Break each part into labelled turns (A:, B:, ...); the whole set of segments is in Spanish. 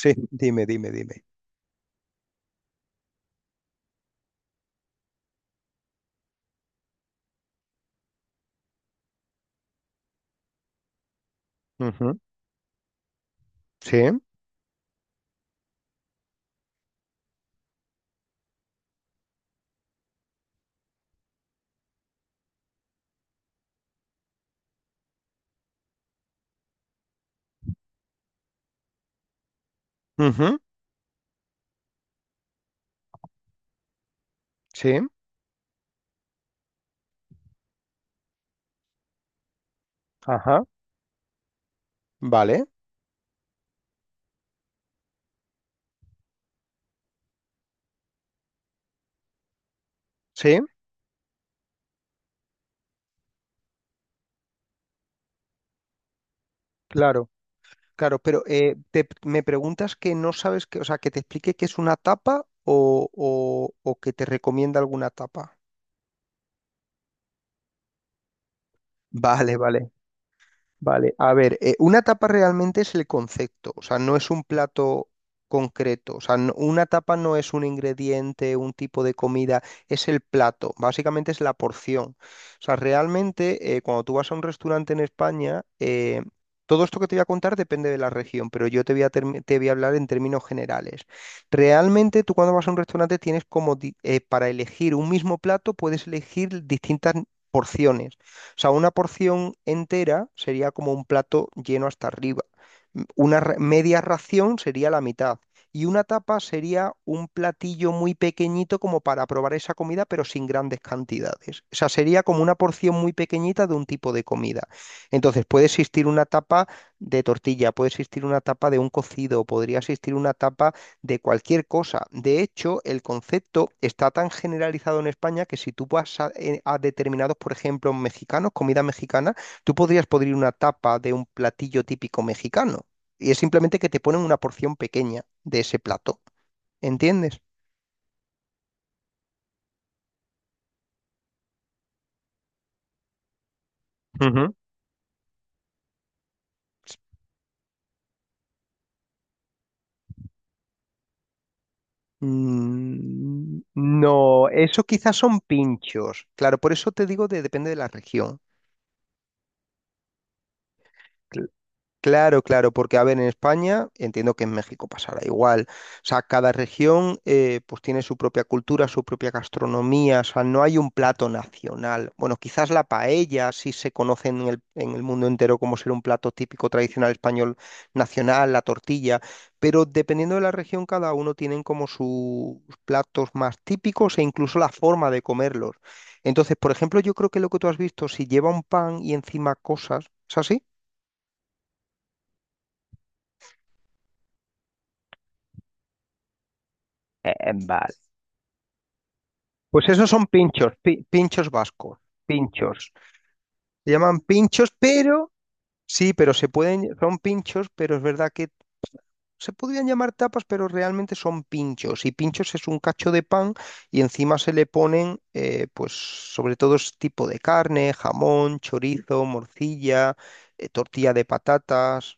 A: Sí, dime, dime, dime. Ujú. Sí, ujú, sí, ajá, vale, sí, claro, claro, pero me preguntas que no sabes que, o sea, que te explique qué es una tapa o que te recomienda alguna tapa. Vale, vale. Vale, a ver, una tapa realmente es el concepto, o sea, no es un plato concreto, o sea, una tapa no es un ingrediente, un tipo de comida, es el plato, básicamente es la porción. O sea, realmente cuando tú vas a un restaurante en España, todo esto que te voy a contar depende de la región, pero yo te voy a hablar en términos generales. Realmente tú cuando vas a un restaurante tienes como, para elegir un mismo plato, puedes elegir distintas porciones. O sea, una porción entera sería como un plato lleno hasta arriba. Una media ración sería la mitad. Y una tapa sería un platillo muy pequeñito como para probar esa comida, pero sin grandes cantidades. O sea, sería como una porción muy pequeñita de un tipo de comida. Entonces, puede existir una tapa de tortilla, puede existir una tapa de un cocido, podría existir una tapa de cualquier cosa. De hecho, el concepto está tan generalizado en España que si tú vas a, a determinados, por ejemplo, mexicanos, comida mexicana, tú podrías pedir una tapa de un platillo típico mexicano. Y es simplemente que te ponen una porción pequeña de ese plato. ¿Entiendes? Ujú. Mm, no, eso quizás son pinchos. Claro, por eso te digo de depende de la región. Claro, claro, porque a ver, en España, entiendo que en México pasará igual. O sea, cada región pues tiene su propia cultura, su propia gastronomía, o sea, no hay un plato nacional. Bueno, quizás la paella sí se conoce en el mundo entero como ser un plato típico tradicional español nacional, la tortilla, pero dependiendo de la región, cada uno tienen como sus platos más típicos e incluso la forma de comerlos. Entonces, por ejemplo, yo creo que lo que tú has visto, si lleva un pan y encima cosas, ¿es así? Pues esos son pinchos, pinchos vascos, pinchos. Se llaman pinchos, pero sí, pero se pueden, son pinchos, pero es verdad que se podrían llamar tapas, pero realmente son pinchos. Y pinchos es un cacho de pan y encima se le ponen, pues, sobre todo es tipo de carne, jamón, chorizo, morcilla, tortilla de patatas.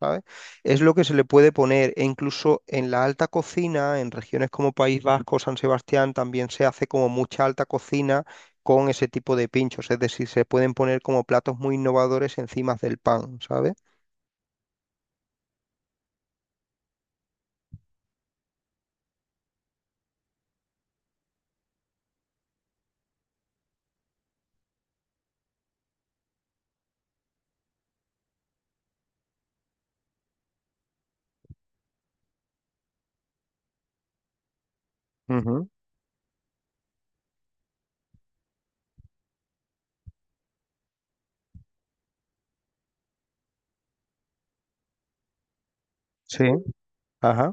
A: ¿Sabes? Es lo que se le puede poner e incluso en la alta cocina, en regiones como País Vasco, San Sebastián, también se hace como mucha alta cocina con ese tipo de pinchos, es decir, se pueden poner como platos muy innovadores encima del pan, ¿sabes? Ujú. Sí, ajá.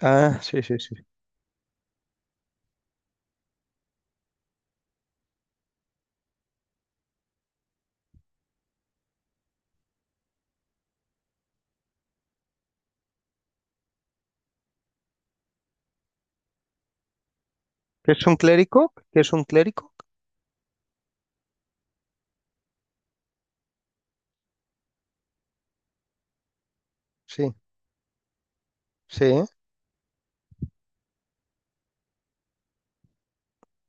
A: Ah, sí, sí, sí. ¿Qué es un clérigo? ¿Qué es un clérigo? Sí, sí.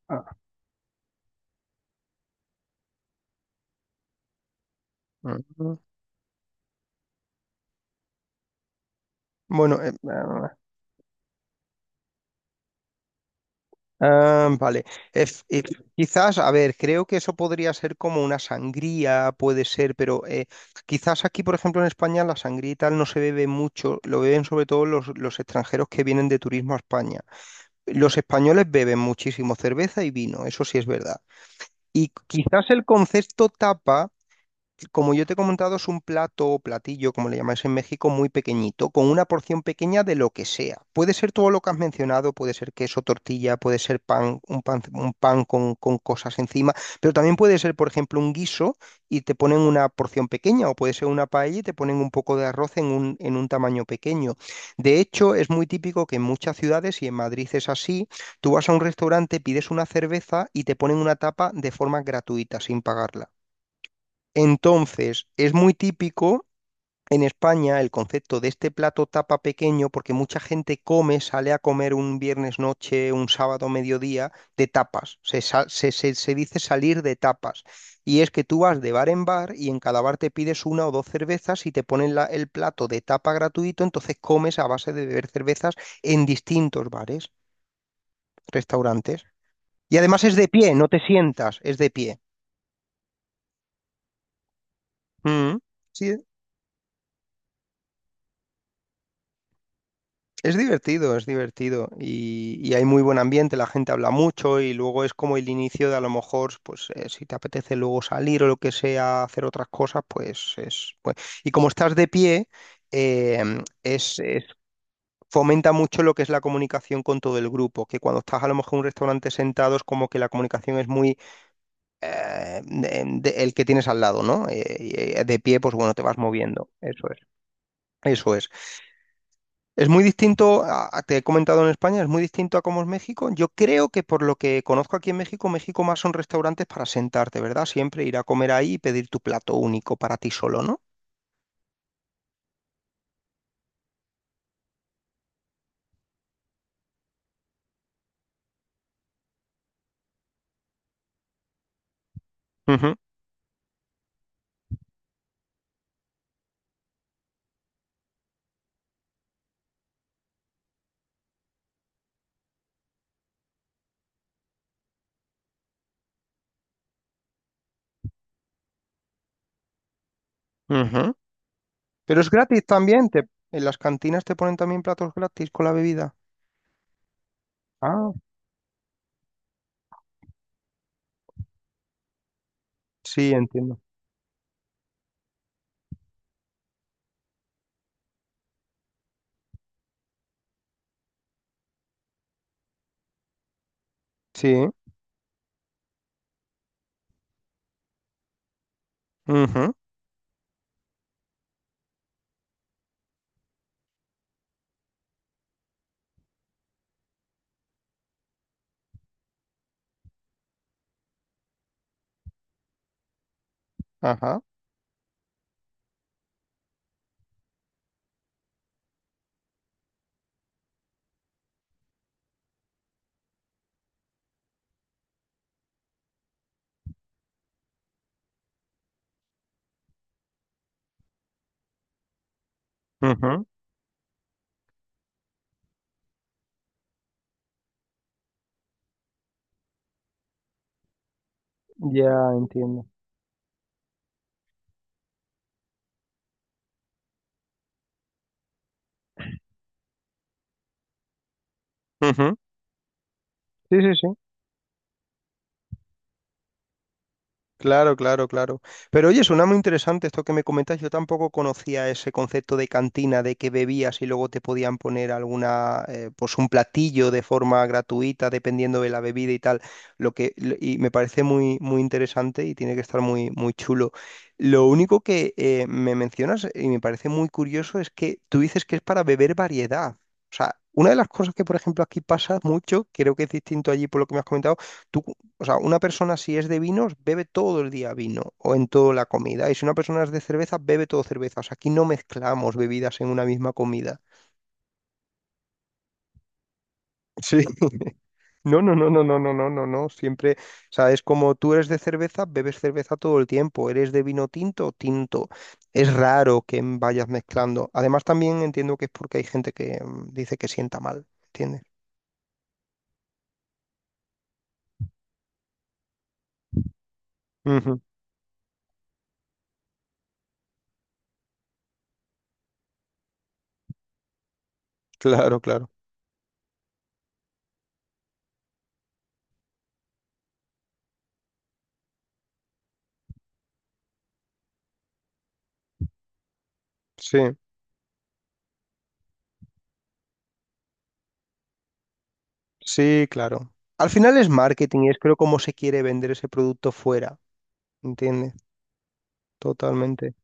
A: Ah. Mm. Bueno. Ah, vale. Ef- eh, Quizás, a ver, creo que eso podría ser como una sangría, puede ser, pero quizás aquí, por ejemplo, en España, la sangría y tal no se bebe mucho, lo beben sobre todo los extranjeros que vienen de turismo a España. Los españoles beben muchísimo cerveza y vino, eso sí es verdad. Y quizás el concepto tapa como yo te he comentado, es un plato o platillo, como le llamáis en México, muy pequeñito, con una porción pequeña de lo que sea. Puede ser todo lo que has mencionado, puede ser queso, tortilla, puede ser pan, un pan con, cosas encima, pero también puede ser, por ejemplo, un guiso y te ponen una porción pequeña, o puede ser una paella y te ponen un poco de arroz en un tamaño pequeño. De hecho, es muy típico que en muchas ciudades, y en Madrid es así, tú vas a un restaurante, pides una cerveza y te ponen una tapa de forma gratuita, sin pagarla. Entonces, es muy típico en España el concepto de este plato tapa pequeño, porque mucha gente come, sale a comer un viernes noche, un sábado mediodía, de tapas. Se, sa- se- se dice salir de tapas. Y es que tú vas de bar en bar y en cada bar te pides una o dos cervezas y te ponen el plato de tapa gratuito, entonces comes a base de beber cervezas en distintos bares, restaurantes. Y además es de pie, no te sientas, es de pie. Mm. Sí. Es divertido y hay muy buen ambiente, la gente habla mucho y luego es como el inicio de a lo mejor, pues si te apetece luego salir o lo que sea, hacer otras cosas, pues es. Y como estás de pie, eh, es, es- fomenta mucho lo que es la comunicación con todo el grupo, que cuando estás a lo mejor en un restaurante sentado es como que la comunicación es muy el que tienes al lado, ¿no? Y, de pie, pues bueno, te vas moviendo, eso es, eso es. Es muy distinto, te he comentado en España, es muy distinto a cómo es México. Yo creo que por lo que conozco aquí en México más son restaurantes para sentarte, ¿verdad? Siempre ir a comer ahí y pedir tu plato único para ti solo, ¿no? Ujú, ujú. Pero es gratis también, en las cantinas te ponen también platos gratis con la bebida. Ah, sí, entiendo. Sí, ujú, ajá, ujú, ya entiendo. Ujú. Sí, sí, sí. Claro, claro, claro. Pero oye, suena muy interesante esto que me comentas. Yo tampoco conocía ese concepto de cantina, de que bebías y luego te podían poner alguna, pues un platillo de forma gratuita, dependiendo de la bebida y tal. Y me parece muy, muy interesante y tiene que estar muy, muy chulo. Lo único que me mencionas y me parece muy curioso es que tú dices que es para beber variedad. O sea, una de las cosas que, por ejemplo, aquí pasa mucho, creo que es distinto allí por lo que me has comentado. O sea, una persona si es de vinos, bebe todo el día vino o en toda la comida. Y si una persona es de cerveza, bebe todo cerveza. O sea, aquí no mezclamos bebidas en una misma comida. Sí. No, no, no, no, no, no, no, no, no. Siempre, o sea, es como tú eres de cerveza, bebes cerveza todo el tiempo. Eres de vino tinto, tinto. Es raro que vayas mezclando. Además, también entiendo que es porque hay gente que dice que sienta mal, ¿entiendes? Ujú. Claro, claro. Sí, sí, claro. Al final es marketing y es creo cómo se quiere vender ese producto fuera. Entiende, totalmente.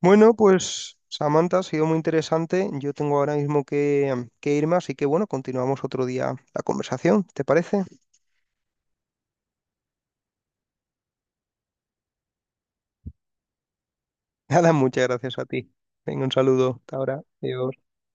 A: Bueno, pues Samantha, ha sido muy interesante. Yo tengo ahora mismo que irme, así que bueno, continuamos otro día la conversación, ¿te parece? Nada, muchas gracias a ti. Venga, un saludo. Hasta ahora. Adiós.